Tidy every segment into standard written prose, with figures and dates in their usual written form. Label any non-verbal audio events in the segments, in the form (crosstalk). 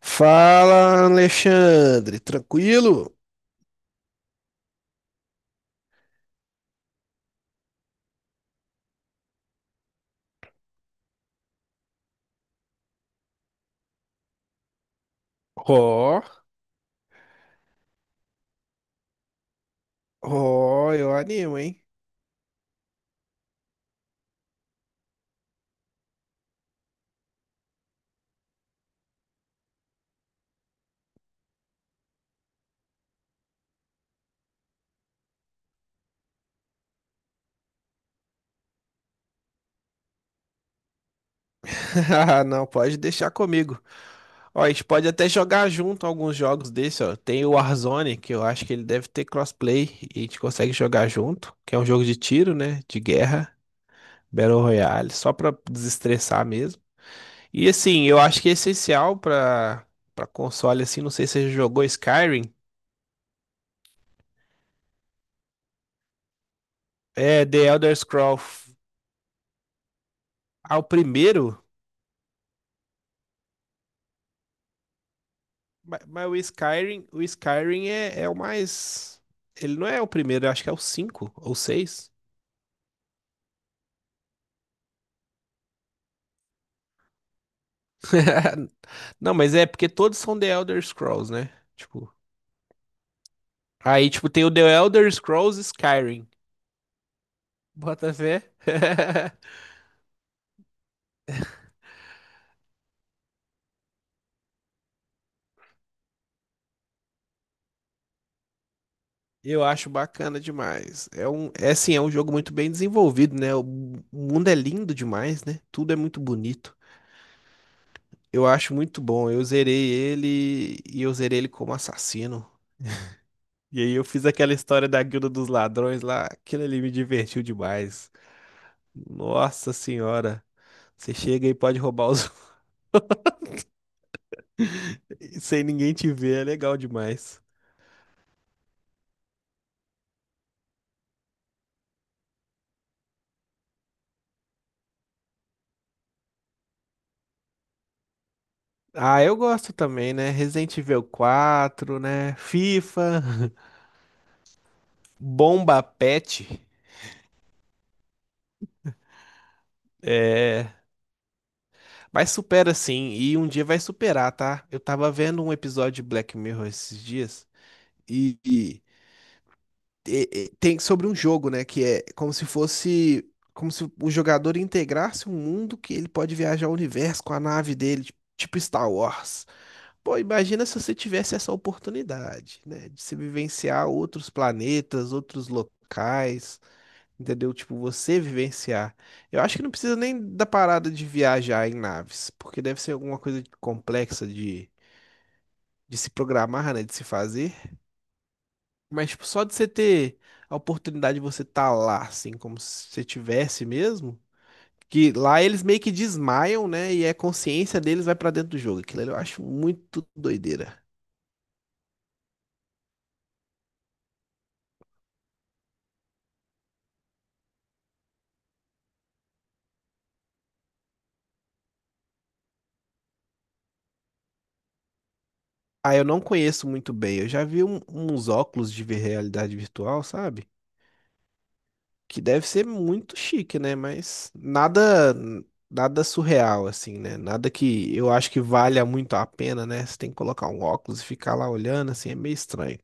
Fala, Alexandre, tranquilo? Ó, ó, eu animo, hein? (laughs) Não, pode deixar comigo. Ó, a gente pode até jogar junto alguns jogos desse, ó. Tem o Warzone, que eu acho que ele deve ter crossplay e a gente consegue jogar junto, que é um jogo de tiro, né? De guerra, Battle Royale, só pra desestressar mesmo. E assim, eu acho que é essencial pra, pra console, assim, não sei se você já jogou Skyrim, é The Elder Scrolls. Ah, o primeiro? Mas o Skyrim, é o mais. Ele não é o primeiro, eu acho que é o cinco ou seis. (laughs) Não, mas é porque todos são The Elder Scrolls, né? Tipo. Aí, tipo, tem o The Elder Scrolls Skyrim. Bota fé. (laughs) Eu acho bacana demais. É assim, é um jogo muito bem desenvolvido, né? O mundo é lindo demais, né? Tudo é muito bonito. Eu acho muito bom. Eu zerei ele e eu zerei ele como assassino. E aí eu fiz aquela história da Guilda dos Ladrões lá, aquilo ali me divertiu demais. Nossa senhora, você chega e pode roubar os (laughs) sem ninguém te ver, é legal demais. Ah, eu gosto também, né? Resident Evil quatro, né? FIFA, (laughs) Bomba Pet. É, mas supera sim, e um dia vai superar, tá? Eu tava vendo um episódio de Black Mirror esses dias e, e e tem sobre um jogo, né? Que é como se fosse. Como se o jogador integrasse um mundo que ele pode viajar o universo com a nave dele, tipo Star Wars. Pô, imagina se você tivesse essa oportunidade, né? De se vivenciar outros planetas, outros locais, entendeu? Tipo, você vivenciar. Eu acho que não precisa nem da parada de viajar em naves, porque deve ser alguma coisa complexa de se programar, né? De se fazer. Mas, tipo, só de você ter a oportunidade de você estar lá, assim, como se você tivesse mesmo. Que lá eles meio que desmaiam, né? E a consciência deles vai pra dentro do jogo. Aquilo ali eu acho muito doideira. Ah, eu não conheço muito bem. Eu já vi uns óculos de realidade virtual, sabe? Que deve ser muito chique, né? Mas nada, nada surreal, assim, né? Nada que eu acho que valha muito a pena, né? Você tem que colocar um óculos e ficar lá olhando, assim, é meio estranho.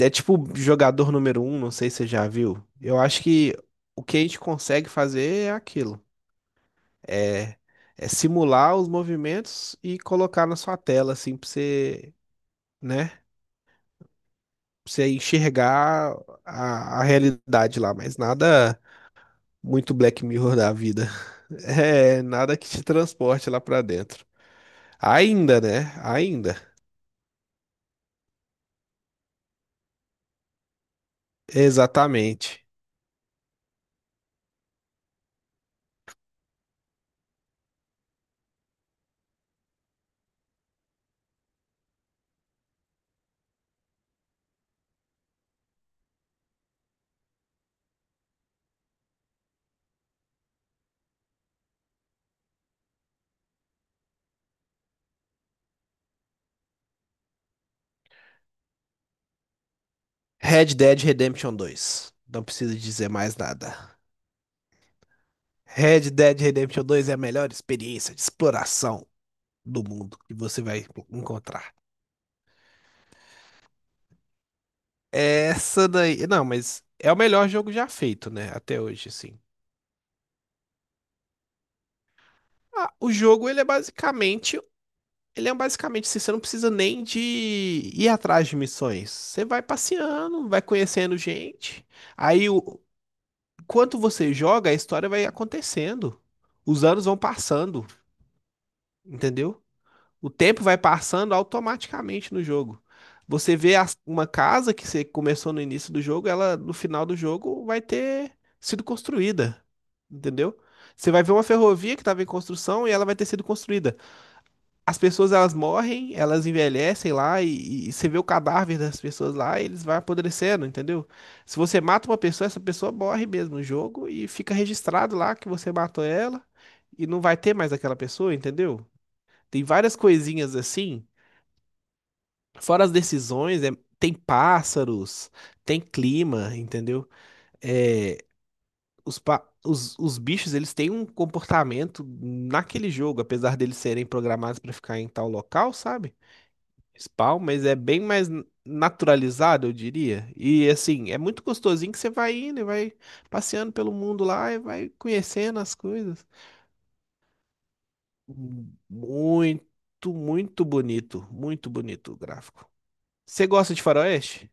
É tipo jogador número um, não sei se você já viu. Eu acho que o que a gente consegue fazer é aquilo. É, é simular os movimentos e colocar na sua tela, assim, pra você, né? Pra você enxergar a realidade lá, mas nada muito Black Mirror da vida. (laughs) É, nada que te transporte lá pra dentro. Ainda, né? Ainda. Exatamente. Red Dead Redemption dois. Não preciso dizer mais nada. Red Dead Redemption 2 é a melhor experiência de exploração do mundo que você vai encontrar. Essa daí. Não, mas é o melhor jogo já feito, né? Até hoje, assim. Ah, o jogo, ele é basicamente. Ele é basicamente assim, você não precisa nem de ir atrás de missões. Você vai passeando, vai conhecendo gente. Aí, o... enquanto você joga, a história vai acontecendo. Os anos vão passando, entendeu? O tempo vai passando automaticamente no jogo. Você vê uma casa que você começou no início do jogo, ela no final do jogo vai ter sido construída, entendeu? Você vai ver uma ferrovia que estava em construção e ela vai ter sido construída. As pessoas elas morrem, elas envelhecem lá e você vê o cadáver das pessoas lá, e eles vão apodrecendo, entendeu? Se você mata uma pessoa, essa pessoa morre mesmo no jogo e fica registrado lá que você matou ela e não vai ter mais aquela pessoa, entendeu? Tem várias coisinhas assim. Fora as decisões, é- tem pássaros, tem clima, entendeu? É, os bichos, eles têm um comportamento naquele jogo, apesar deles serem programados para ficar em tal local, sabe? Spawn, mas é bem mais naturalizado, eu diria. E assim, é muito gostosinho que você vai indo e vai passeando pelo mundo lá e vai conhecendo as coisas. Muito, muito bonito o gráfico. Você gosta de faroeste?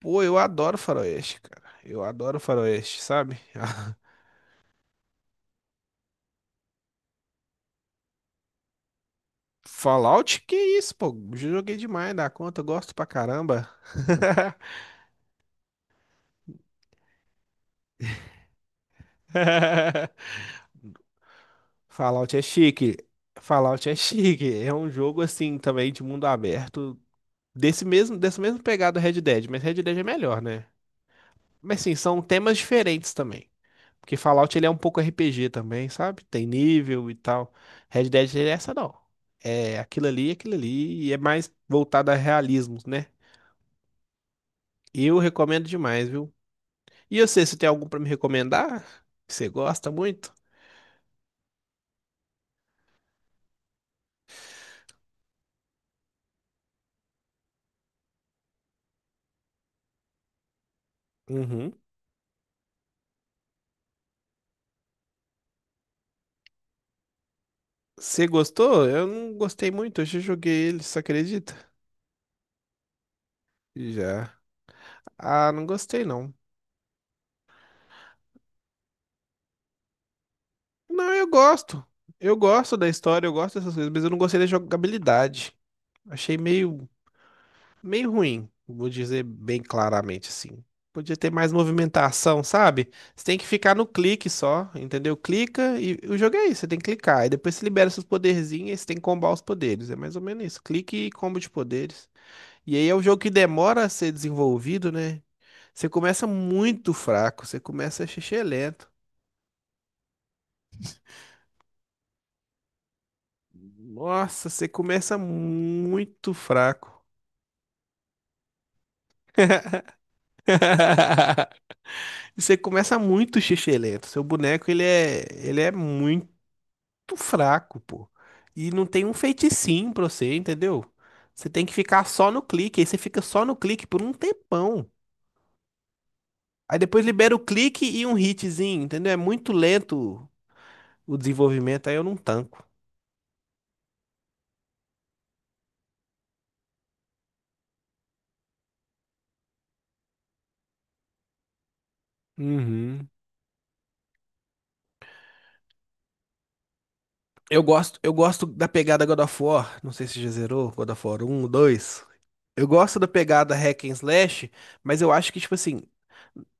Pô, eu adoro faroeste, cara. Eu adoro faroeste, sabe? (laughs) Fallout, que isso, pô? Joguei demais dá conta, eu gosto pra caramba. (laughs) Fallout é chique. Fallout é chique. É um jogo assim também de mundo aberto, desse mesmo, dessa mesma pegada do Red Dead, mas Red Dead é melhor, né? Mas sim, são temas diferentes também. Porque Fallout ele é um pouco RPG também, sabe? Tem nível e tal. Red Dead ele é essa não. É aquilo ali, e é mais voltado a realismos, né? Eu recomendo demais, viu? E eu sei se tem algum pra me recomendar? Que você gosta muito? Uhum. Você gostou? Eu não gostei muito, eu já joguei ele, você acredita? Já. Ah, não gostei não. Não, eu gosto. Eu gosto da história, eu gosto dessas coisas, mas eu não gostei da jogabilidade. Achei meio meio ruim, vou dizer bem claramente assim. Podia ter mais movimentação, sabe? Você tem que ficar no clique só, entendeu? Clica e o jogo é isso, você tem que clicar. E depois você libera seus poderzinhos e você tem que combar os poderes. É mais ou menos isso. Clique e combo de poderes. E aí é um jogo que demora a ser desenvolvido, né? Você começa muito fraco, você começa xixi, é lento. Nossa, você começa muito fraco. (laughs) Você começa muito xixi. Seu boneco, ele é muito muito fraco, pô. E não tem um feiticinho pra você, entendeu? Você tem que ficar só no clique, aí você fica só no clique por um tempão. Aí depois libera o clique e um hitzinho, entendeu? É muito lento o desenvolvimento, aí eu não tanco. Uhum. Eu gosto da pegada God of War. Não sei se já zerou God of War um, 2. Eu gosto da pegada hack and slash, mas eu acho que, tipo assim,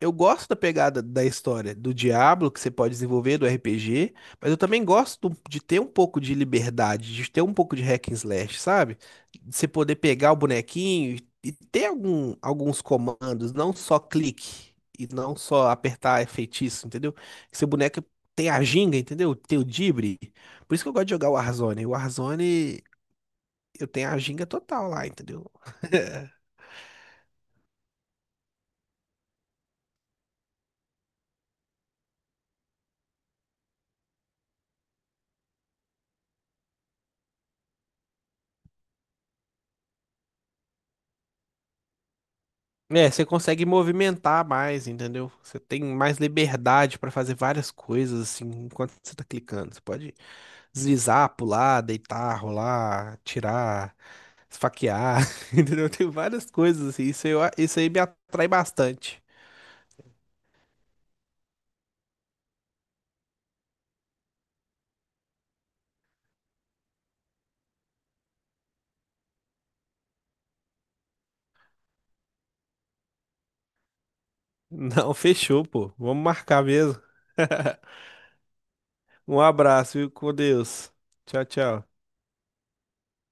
eu gosto da pegada da história do Diablo, que você pode desenvolver, do RPG, mas eu também gosto de ter um pouco de liberdade, de ter um pouco de hack and slash, sabe? De você poder pegar o bonequinho e ter algum, alguns comandos, não só clique e não só apertar feitiço, entendeu? Que seu boneco tem a ginga, entendeu? Tem o drible. Por isso que eu gosto de jogar o Warzone. O Warzone, eu tenho a ginga total lá, entendeu? (laughs) É, você consegue movimentar mais, entendeu? Você tem mais liberdade pra fazer várias coisas, assim, enquanto você tá clicando. Você pode deslizar, pular, deitar, rolar, tirar, esfaquear, (laughs) entendeu? Tem várias coisas, assim. Isso, eu, isso aí me atrai bastante. (laughs) Não, fechou, pô. Vamos marcar mesmo. (laughs) Um abraço, viu? Com Deus. Tchau, tchau.